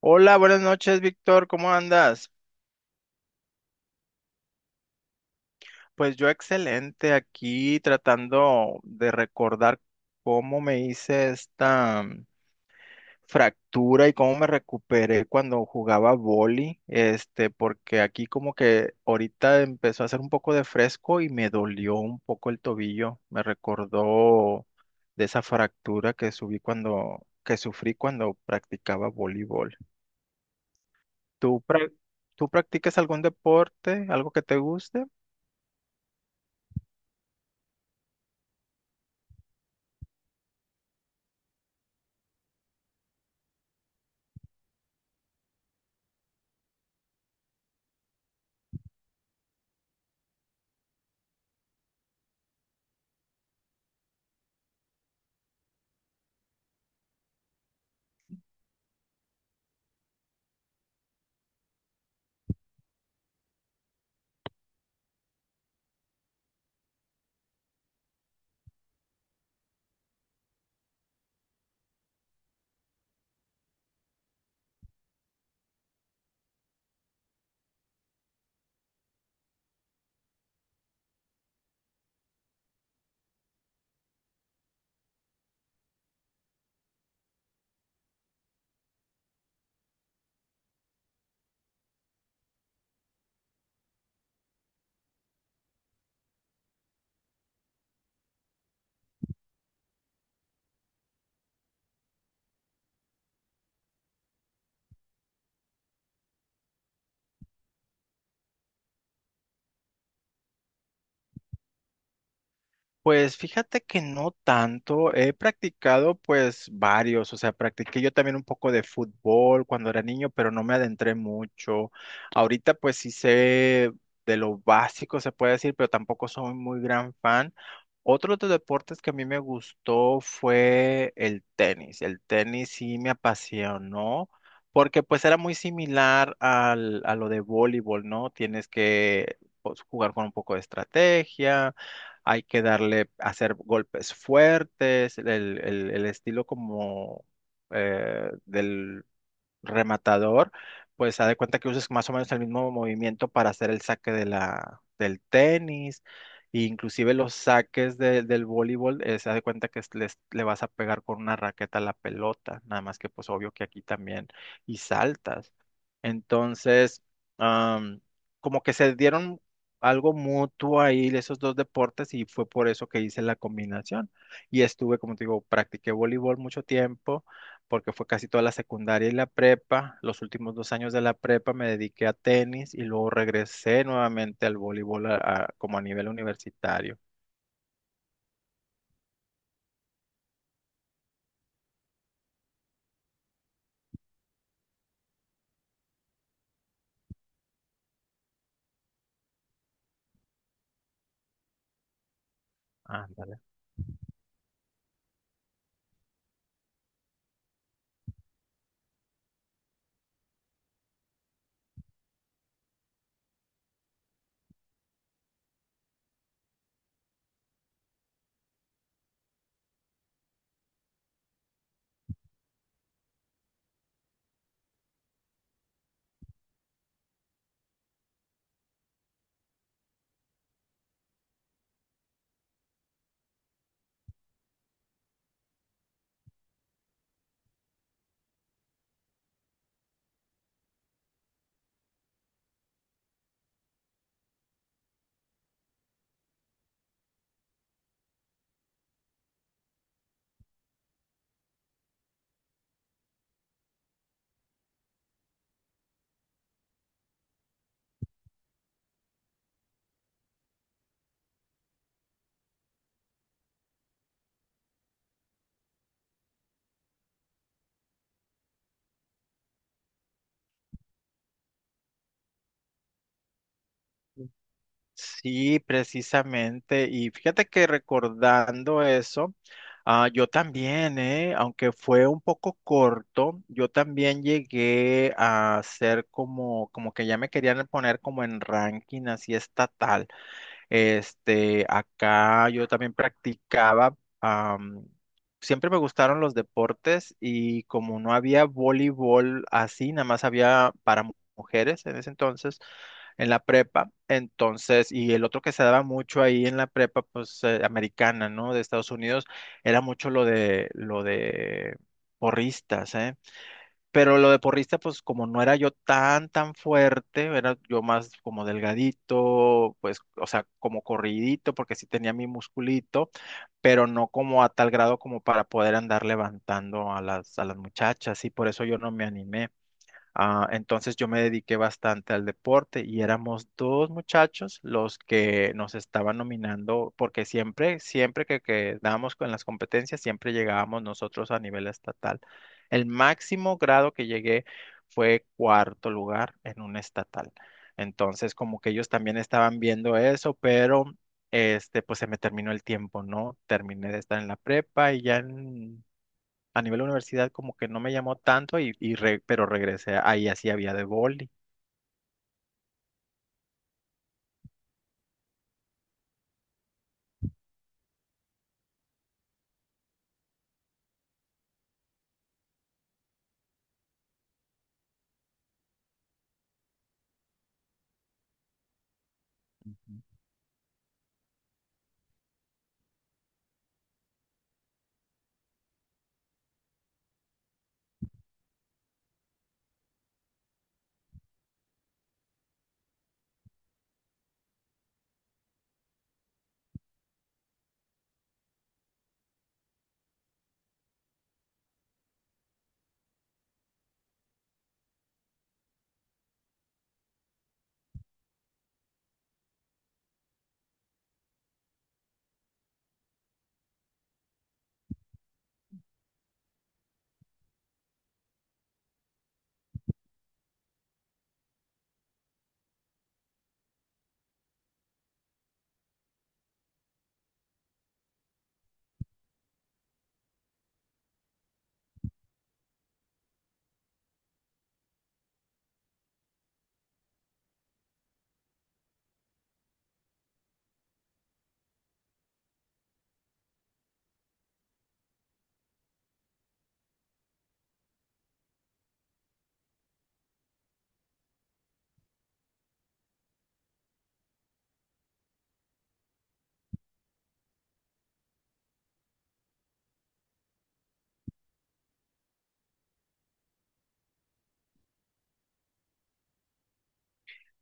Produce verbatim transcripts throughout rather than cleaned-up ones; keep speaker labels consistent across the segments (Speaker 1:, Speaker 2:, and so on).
Speaker 1: Hola, buenas noches, Víctor, ¿cómo andas? Pues yo excelente aquí tratando de recordar cómo me hice esta mm, fractura y cómo me recuperé cuando jugaba vóley, este, porque aquí como que ahorita empezó a hacer un poco de fresco y me dolió un poco el tobillo, me recordó de esa fractura que subí cuando, que sufrí cuando practicaba voleibol. ¿Tú, prac- tú practicas algún deporte, algo que te guste? Pues fíjate que no tanto, he practicado pues varios, o sea, practiqué yo también un poco de fútbol cuando era niño, pero no me adentré mucho. Ahorita pues sí sé de lo básico, se puede decir, pero tampoco soy muy gran fan. Otro de los deportes que a mí me gustó fue el tenis. El tenis sí me apasionó porque pues era muy similar al, a lo de voleibol, ¿no? Tienes que pues, jugar con un poco de estrategia, hay que darle, hacer golpes fuertes, el, el- el estilo como eh, del rematador, pues haz de cuenta que uses más o menos el mismo movimiento para hacer el saque de la, del tenis, e inclusive los saques de- del voleibol, eh, se da de cuenta que es- les- le vas a pegar con una raqueta a la pelota, nada más que pues obvio que aquí también, y saltas. Entonces, am, como que se dieron algo mutuo ahí esos dos deportes y fue por eso que hice la combinación. Y estuve, como te digo, practiqué voleibol mucho tiempo porque fue casi toda la secundaria y la prepa. Los últimos dos años de la prepa me dediqué a tenis y luego regresé nuevamente al voleibol a- a- como a nivel universitario. Ándale. Sí, precisamente. Y fíjate que recordando eso, ah, yo también, eh, aunque fue un poco corto, yo también llegué a ser como, como, que ya me querían poner como en ranking así estatal. Este, acá yo también practicaba, am, siempre me gustaron los deportes y como no había voleibol así, nada más había para mu- mujeres en ese entonces, en la prepa, entonces, y el otro que se daba mucho ahí en la prepa, pues eh, americana, ¿no? De Estados Unidos, era mucho lo de, lo de, porristas, ¿eh? Pero lo de porrista, pues como no era yo tan, tan fuerte, era yo más como delgadito, pues, o sea, como corridito, porque sí tenía mi musculito, pero no como a tal grado como para poder andar levantando a las, a las muchachas, y por eso yo no me animé. Ah, entonces yo me dediqué bastante al deporte y éramos dos muchachos los que nos estaban nominando, porque siempre, siempre que quedábamos con las competencias, siempre llegábamos nosotros a nivel estatal. El máximo grado que llegué fue cuarto lugar en un estatal. Entonces, como que ellos también estaban viendo eso, pero este, pues se me terminó el tiempo, ¿no? Terminé de estar en la prepa y ya a nivel de universidad como que no me llamó tanto, y, y re- pero regresé ahí así había de boli. Ujú.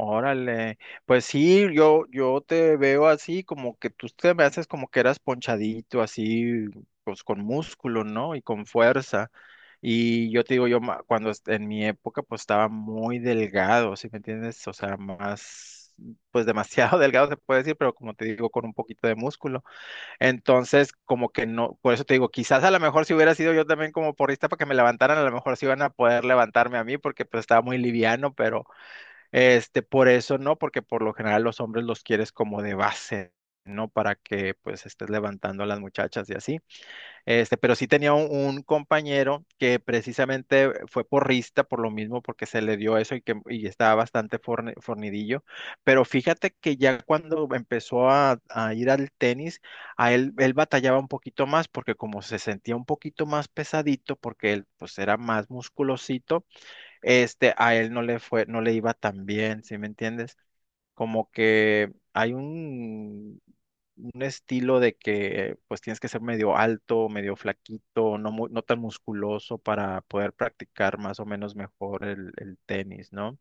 Speaker 1: Órale, pues sí, yo, yo te veo así, como que tú te me haces como que eras ponchadito, así, pues con músculo, ¿no? Y con fuerza. Y yo te digo, yo ma- cuando est- en mi época, pues estaba muy delgado, ¿sí me entiendes? O sea, más, pues demasiado delgado se puede decir, pero como te digo, con un poquito de músculo. Entonces, como que no, por eso te digo, quizás a lo mejor si hubiera sido yo también como porrista para que me levantaran, a lo mejor sí iban a poder levantarme a mí porque pues estaba muy liviano, pero este, por eso no, porque por lo general los hombres los quieres como de base, ¿no? Para que pues estés levantando a las muchachas y así. Este, pero sí tenía un, un, compañero que precisamente fue porrista por lo mismo, porque se le dio eso y que y estaba bastante forni- fornidillo. Pero fíjate que ya cuando empezó a, a ir al tenis, a él, él batallaba un poquito más, porque como se sentía un poquito más pesadito, porque él pues era más musculosito, este, a él no le fue, no le iba tan bien, ¿sí me entiendes? Como que hay un, un, estilo de que pues tienes que ser medio alto, medio flaquito, no, mu- no tan musculoso para poder practicar más o menos mejor el, el tenis, ¿no?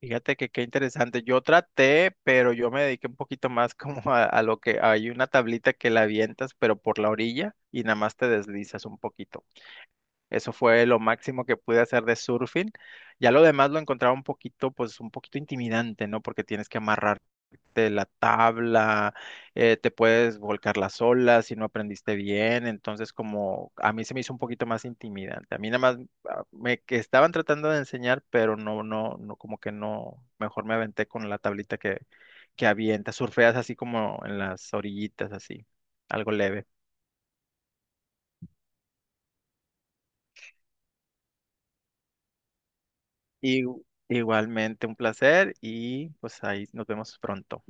Speaker 1: Fíjate que qué interesante. Yo traté, pero yo me dediqué un poquito más como a, a lo que hay una tablita que la avientas, pero por la orilla y nada más te deslizas un poquito. Eso fue lo máximo que pude hacer de surfing. Ya lo demás lo encontraba un poquito, pues un poquito intimidante, ¿no? Porque tienes que amarrar de la tabla, eh, te puedes volcar las olas si no aprendiste bien, entonces como a mí se me hizo un poquito más intimidante. A mí nada más ah, me que estaban tratando de enseñar, pero no, no, no, como que no, mejor me aventé con la tablita que, que, avienta, surfeas así como en las orillitas, así, algo leve. Y igualmente un placer y pues ahí nos vemos pronto.